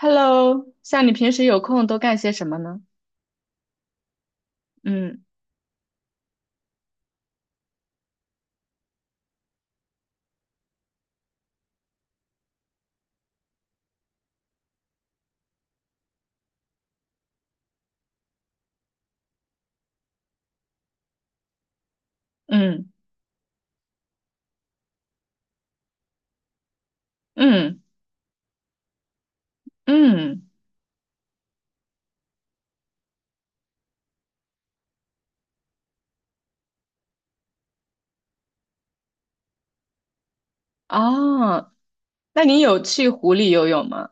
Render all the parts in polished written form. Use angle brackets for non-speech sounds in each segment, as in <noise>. Hello，像你平时有空都干些什么呢？嗯嗯嗯嗯。哦，那你有去湖里游泳吗？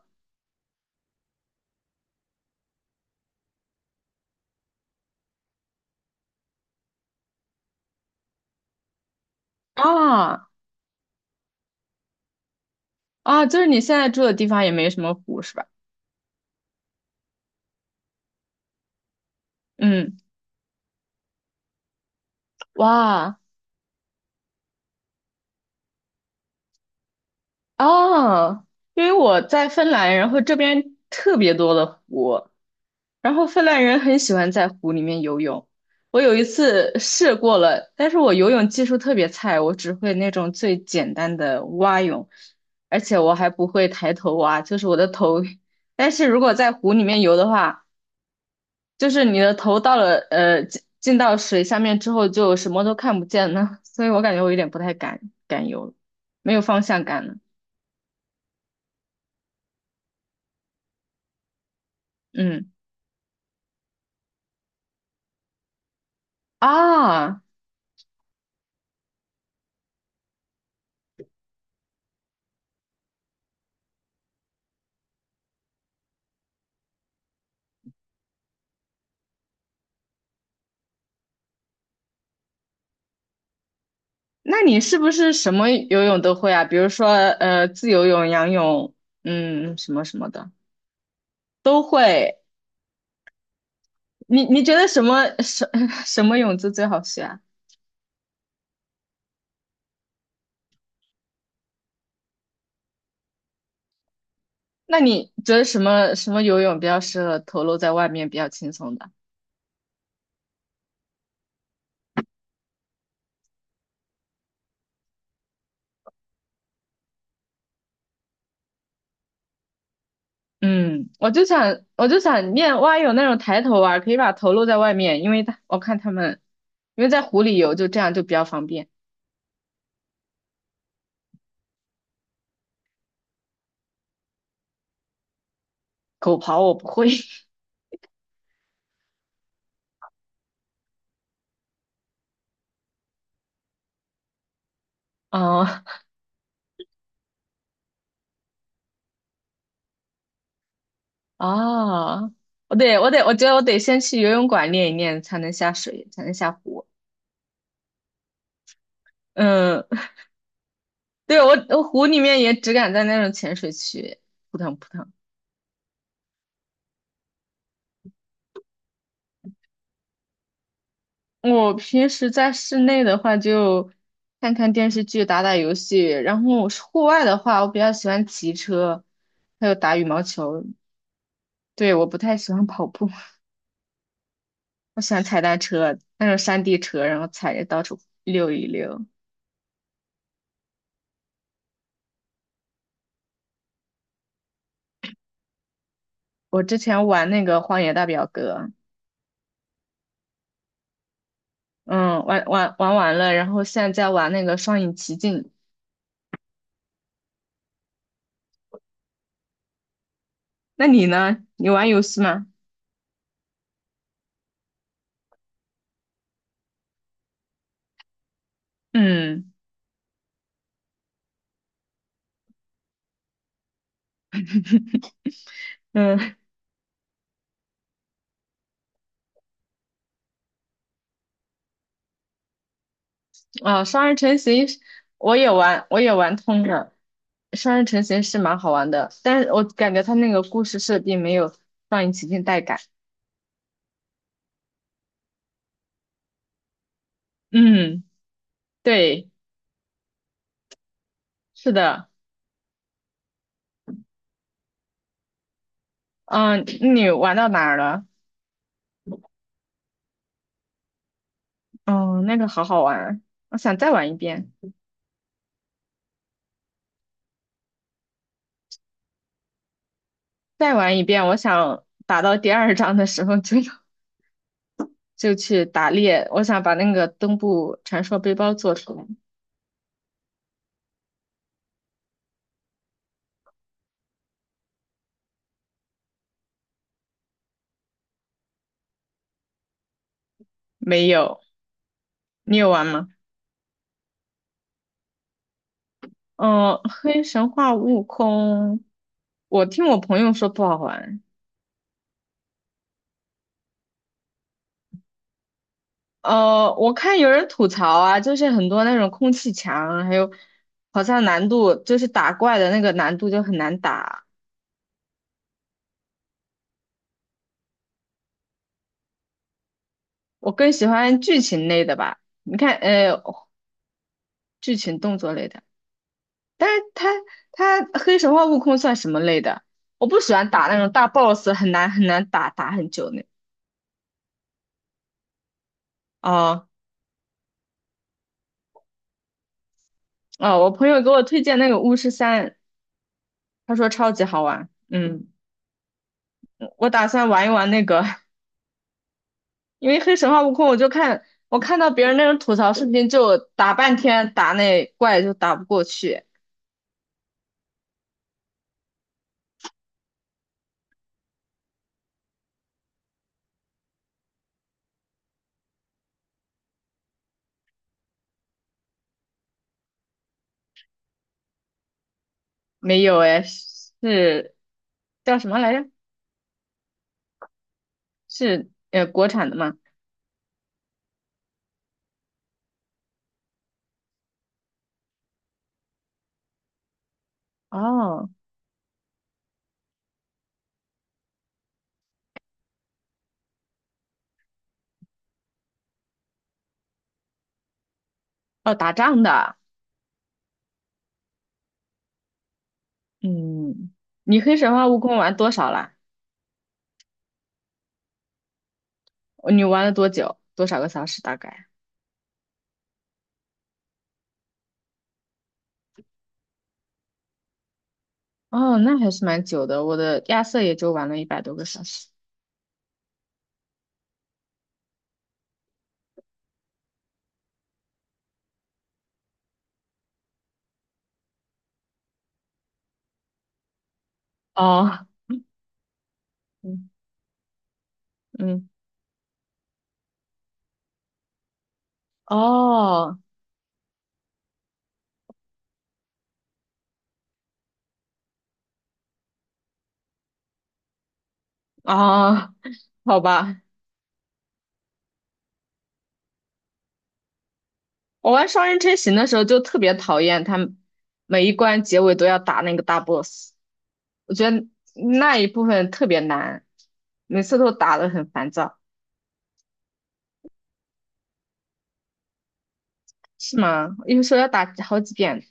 啊啊，就是你现在住的地方也没什么湖是吧？嗯。哇。哦。因为我在芬兰，然后这边特别多的湖，然后芬兰人很喜欢在湖里面游泳。我有一次试过了，但是我游泳技术特别菜，我只会那种最简单的蛙泳，而且我还不会抬头蛙，就是我的头。但是如果在湖里面游的话，就是你的头到了进到水下面之后，就什么都看不见了，所以我感觉我有点不太敢游了，没有方向感了。嗯啊。那你是不是什么游泳都会啊？比如说，自由泳、仰泳，嗯，什么什么的都会。你觉得什么什 <laughs> 什么泳姿最好学啊？那你觉得什么什么游泳比较适合头露在外面比较轻松的？嗯，我就想练蛙泳那种抬头蛙，可以把头露在外面，因为它我看他们因为在湖里游就这样就比较方便。狗刨我不会。<laughs> 嗯。啊，我觉得我得先去游泳馆练一练，才能下水，才能下湖。嗯。<laughs> 对，我湖里面也只敢在那种浅水区扑腾扑腾。我平时在室内的话，就看看电视剧、打打游戏。然后我是户外的话，我比较喜欢骑车，还有打羽毛球。对，我不太喜欢跑步。<laughs> 我喜欢踩单车，那种山地车，然后踩着到处溜一溜。我之前玩那个《荒野大表哥》。嗯，玩完了，然后现在在玩那个《双影奇境》。那你呢？你玩游戏吗？嗯。 <laughs> 嗯，啊，《双人成行》我也玩，我也玩通了。《双人成行》是蛮好玩的，但是我感觉它那个故事设定没有《双影奇境》带感。嗯，对，是的。嗯，你玩到哪儿了？嗯，那个好好玩，我想再玩一遍，再玩一遍。我想打到第二章的时候就 <laughs> 就去打猎。我想把那个东部传说背包做出来。没有，你有玩吗？嗯，黑神话悟空。我听我朋友说不好玩。我看有人吐槽啊，就是很多那种空气墙，还有好像难度就是打怪的那个难度就很难打。我更喜欢剧情类的吧，你看，剧情动作类的。但是黑神话悟空算什么类的？我不喜欢打那种大 boss，很难很难打，打很久那。哦哦，我朋友给我推荐那个巫师三。他说超级好玩。嗯，我打算玩一玩那个。<laughs> 因为黑神话悟空，我看到别人那种吐槽视频，就打半天打那怪就打不过去。没有哎，是叫什么来着？是国产的吗？哦哦，打仗的。嗯，你黑神话悟空玩多少啦？你玩了多久？多少个小时大概？哦，那还是蛮久的。我的亚瑟也就玩了100多个小时。哦。嗯嗯。哦哦。好吧。我玩双人成行的时候就特别讨厌他们每一关结尾都要打那个大 boss，我觉得那一部分特别难，每次都打得很烦躁。是吗？有时候要打好几遍。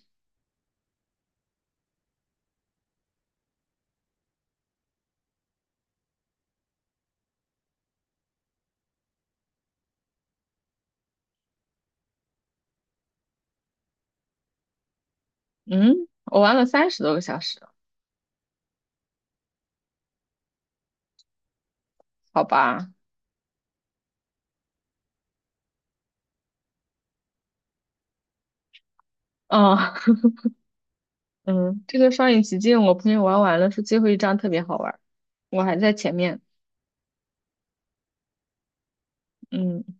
嗯，我玩了30多个小时。好吧。啊。<laughs> 嗯，这个双影奇境我朋友玩完了，说最后一张特别好玩儿，我还在前面。嗯，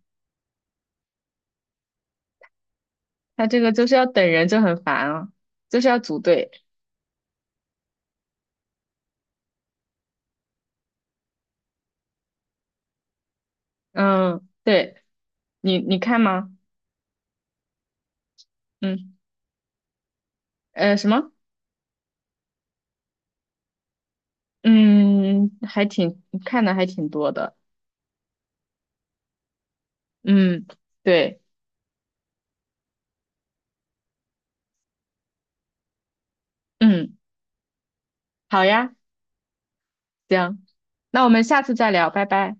他这个就是要等人就很烦啊，就是要组队。嗯，对，你看吗？嗯，什么？嗯，还挺看的还挺多的。嗯，对。嗯，好呀，行，那我们下次再聊，拜拜。